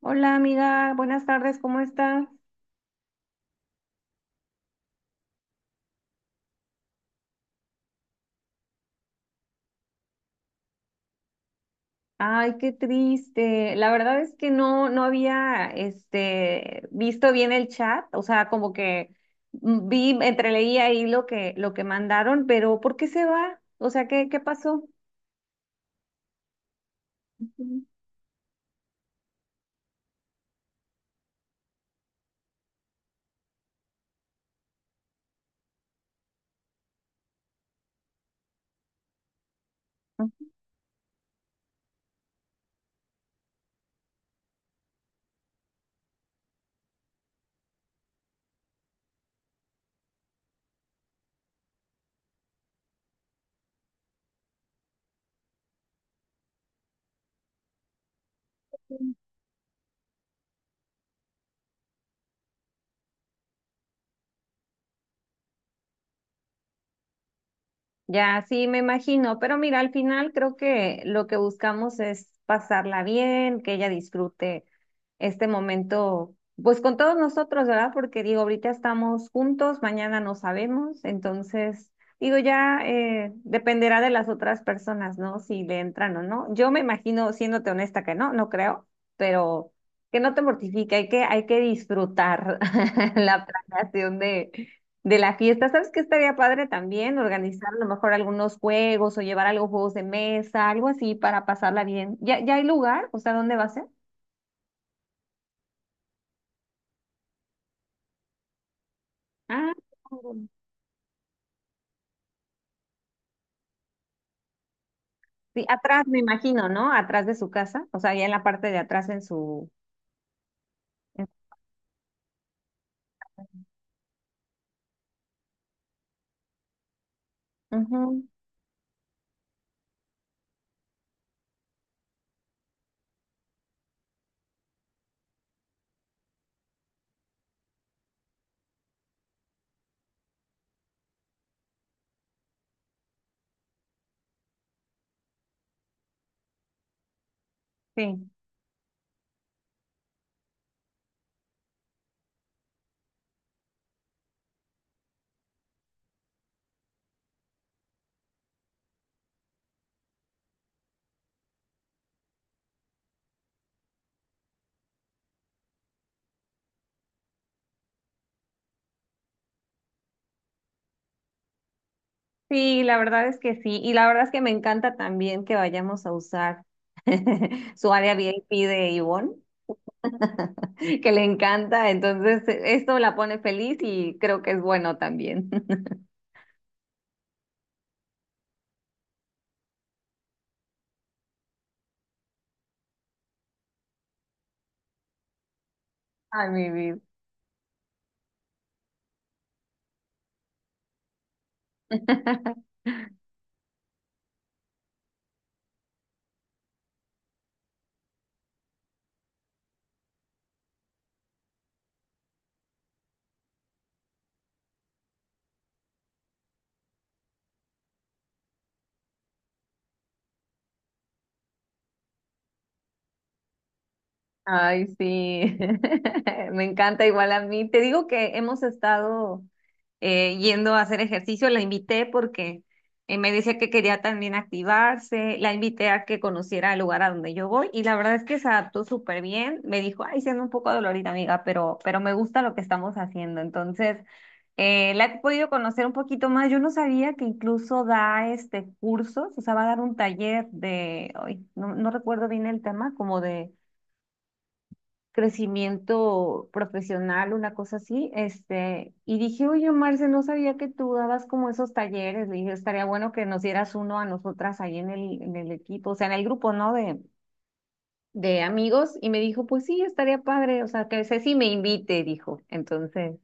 Hola amiga, buenas tardes, ¿cómo estás? Ay, qué triste. La verdad es que no había visto bien el chat, o sea, como que vi, entreleí ahí lo que mandaron, pero ¿por qué se va? O sea, ¿ qué pasó? Ujú. Ya, sí, me imagino, pero mira, al final creo que lo que buscamos es pasarla bien, que ella disfrute este momento, pues con todos nosotros, ¿verdad? Porque digo, ahorita estamos juntos, mañana no sabemos, entonces, digo, ya dependerá de las otras personas, ¿no? Si le entran o no. Yo me imagino, siéndote honesta, que no creo, pero que no te mortifique, hay que disfrutar la planeación de la fiesta. ¿Sabes qué estaría padre también? Organizar a lo mejor algunos juegos o llevar algo, juegos de mesa, algo así para pasarla bien. ¿ ya hay lugar? O sea, ¿dónde va a ser? Ah, claro. Sí, atrás me imagino, ¿no? Atrás de su casa, o sea, ya en la parte de atrás en su... en- Ujú. Sí, sí, la verdad es que sí. Y la verdad es que me encanta también que vayamos a usar su área VIP de Ivonne que le encanta, entonces esto la pone feliz y creo que es bueno también. Ay, mi vida. Ay, sí, me encanta igual a mí. Te digo que hemos estado yendo a hacer ejercicio, la invité porque me decía que quería también activarse, la invité a que conociera el lugar a donde yo voy y la verdad es que se adaptó súper bien. Me dijo, ay, siendo un poco dolorida, amiga, pero me gusta lo que estamos haciendo. Entonces, la he podido conocer un poquito más. Yo no sabía que incluso da este cursos, o sea, va a dar un taller de, ay, no recuerdo bien el tema, como de crecimiento profesional, una cosa así, este, y dije, oye, Marce, no sabía que tú dabas como esos talleres, le dije, estaría bueno que nos dieras uno a nosotras ahí en el equipo, o sea, en el grupo, ¿no? De amigos, y me dijo, pues sí, estaría padre, o sea, que Ceci me invite, dijo, entonces,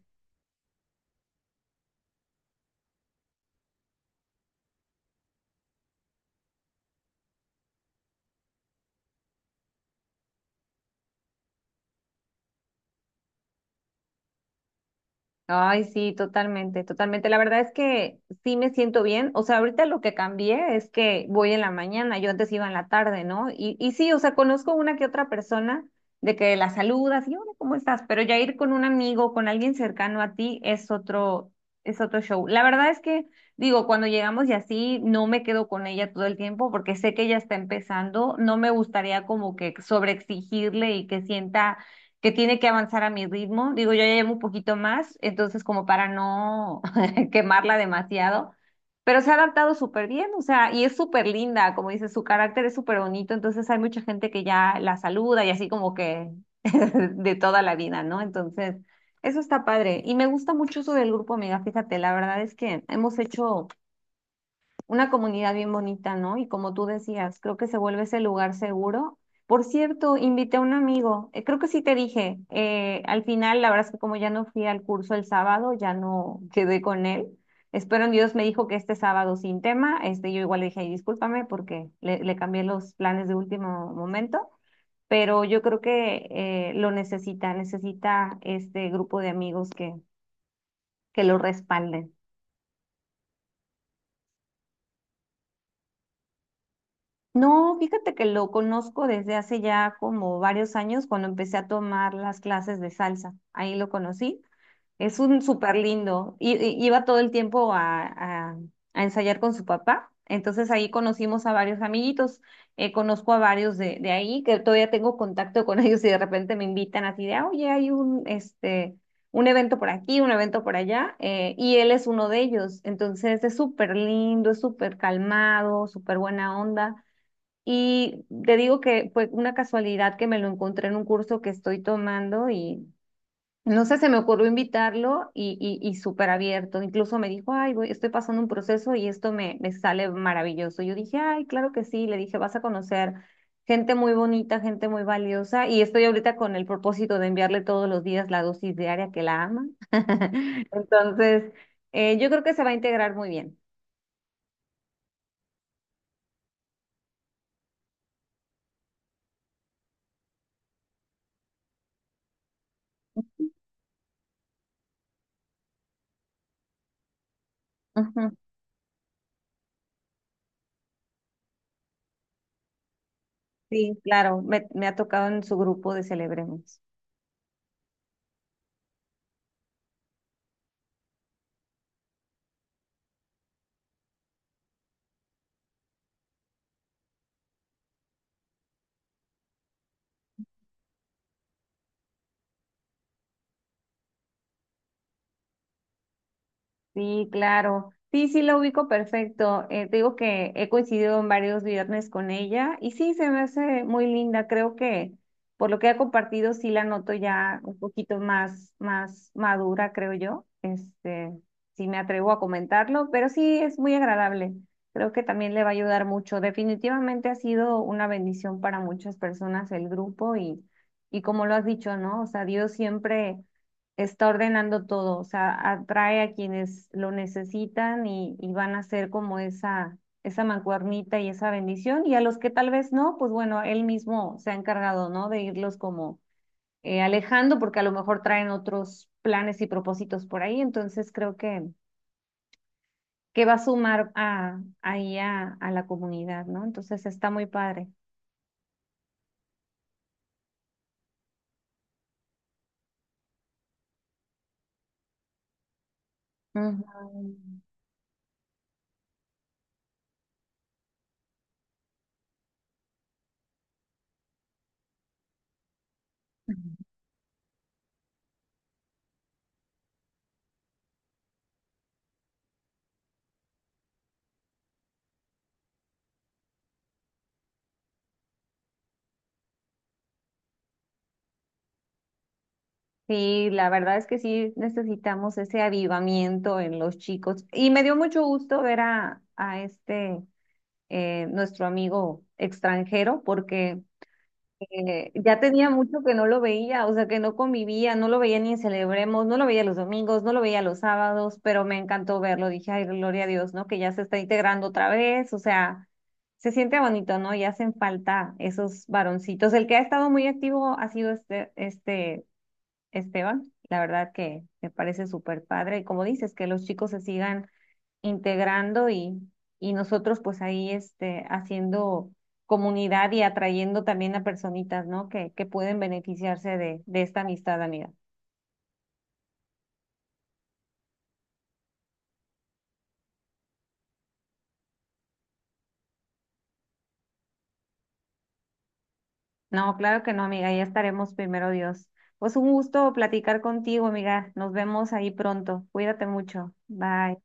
Ay, sí, totalmente, totalmente. La verdad es que sí me siento bien. O sea, ahorita lo que cambié es que voy en la mañana, yo antes iba en la tarde, ¿no? Y sí, o sea, conozco una que otra persona de que la saludas y hola, ¿cómo estás? Pero ya ir con un amigo, con alguien cercano a ti es otro show. La verdad es que, digo, cuando llegamos y así, no me quedo con ella todo el tiempo porque sé que ella está empezando. No me gustaría como que sobreexigirle y que sienta que tiene que avanzar a mi ritmo. Digo, yo ya llevo un poquito más, entonces como para no quemarla demasiado, pero se ha adaptado súper bien, o sea, y es súper linda, como dices, su carácter es súper bonito, entonces hay mucha gente que ya la saluda y así como que de toda la vida, ¿no? Entonces, eso está padre. Y me gusta mucho eso del grupo, amiga, fíjate, la verdad es que hemos hecho una comunidad bien bonita, ¿no? Y como tú decías, creo que se vuelve ese lugar seguro. Por cierto, invité a un amigo, creo que sí te dije, al final la verdad es que como ya no fui al curso el sábado, ya no quedé con él. Espero en Dios me dijo que este sábado sin tema, este, yo igual le dije, "Ay, discúlpame porque le cambié los planes de último momento, pero yo creo que lo necesita, necesita este grupo de amigos que lo respalden. No, fíjate que lo conozco desde hace ya como varios años cuando empecé a tomar las clases de salsa. Ahí lo conocí. Es un súper lindo. Iba todo el tiempo a ensayar con su papá. Entonces ahí conocimos a varios amiguitos. Conozco a varios de ahí que todavía tengo contacto con ellos y de repente me invitan así de, "Ah, oye, hay un, este, un evento por aquí, un evento por allá. Eh, y él es uno de ellos. Entonces es súper lindo, es súper calmado, súper buena onda. Y te digo que fue una casualidad que me lo encontré en un curso que estoy tomando y no sé, se me ocurrió invitarlo y súper abierto. Incluso me dijo, ay, voy, estoy pasando un proceso y esto me sale maravilloso. Yo dije, ay, claro que sí. Le dije, vas a conocer gente muy bonita, gente muy valiosa. Y estoy ahorita con el propósito de enviarle todos los días la dosis diaria que la ama. Entonces, yo creo que se va a integrar muy bien. Ujú. Sí, claro, me ha tocado en su grupo de Celebremos. Sí, claro. Sí, sí, la ubico perfecto. Te digo que he coincidido en varios viernes con ella y sí, se me hace muy linda. Creo que por lo que ha compartido, sí la noto ya un poquito más, más madura, creo yo. Este, sí me atrevo a comentarlo, pero sí es muy agradable. Creo que también le va a ayudar mucho. Definitivamente ha sido una bendición para muchas personas el grupo y como lo has dicho, ¿no? O sea, Dios siempre está ordenando todo, o sea, atrae a quienes lo necesitan y van a ser como esa mancuernita y esa bendición, y a los que tal vez no, pues bueno, él mismo se ha encargado, ¿no? De irlos como alejando, porque a lo mejor traen otros planes y propósitos por ahí, entonces creo que va a sumar ahí a la comunidad, ¿no? Entonces está muy padre. Ujú. Sí, la verdad es que sí necesitamos ese avivamiento en los chicos. Y me dio mucho gusto ver a este, nuestro amigo extranjero, porque ya tenía mucho que no lo veía, o sea, que no convivía, no lo veía ni en Celebremos, no lo veía los domingos, no lo veía los sábados, pero me encantó verlo. Dije, ay, gloria a Dios, ¿no? Que ya se está integrando otra vez, o sea, se siente bonito, ¿no? Y hacen falta esos varoncitos. El que ha estado muy activo ha sido este Esteban. La verdad que me parece súper padre. Y como dices, que los chicos se sigan integrando y nosotros pues ahí este, haciendo comunidad y atrayendo también a personitas, ¿no? Que pueden beneficiarse de esta amistad, amiga. No, claro que no, amiga. Ya estaremos primero, Dios. Pues un gusto platicar contigo, amiga. Nos vemos ahí pronto. Cuídate mucho. Bye.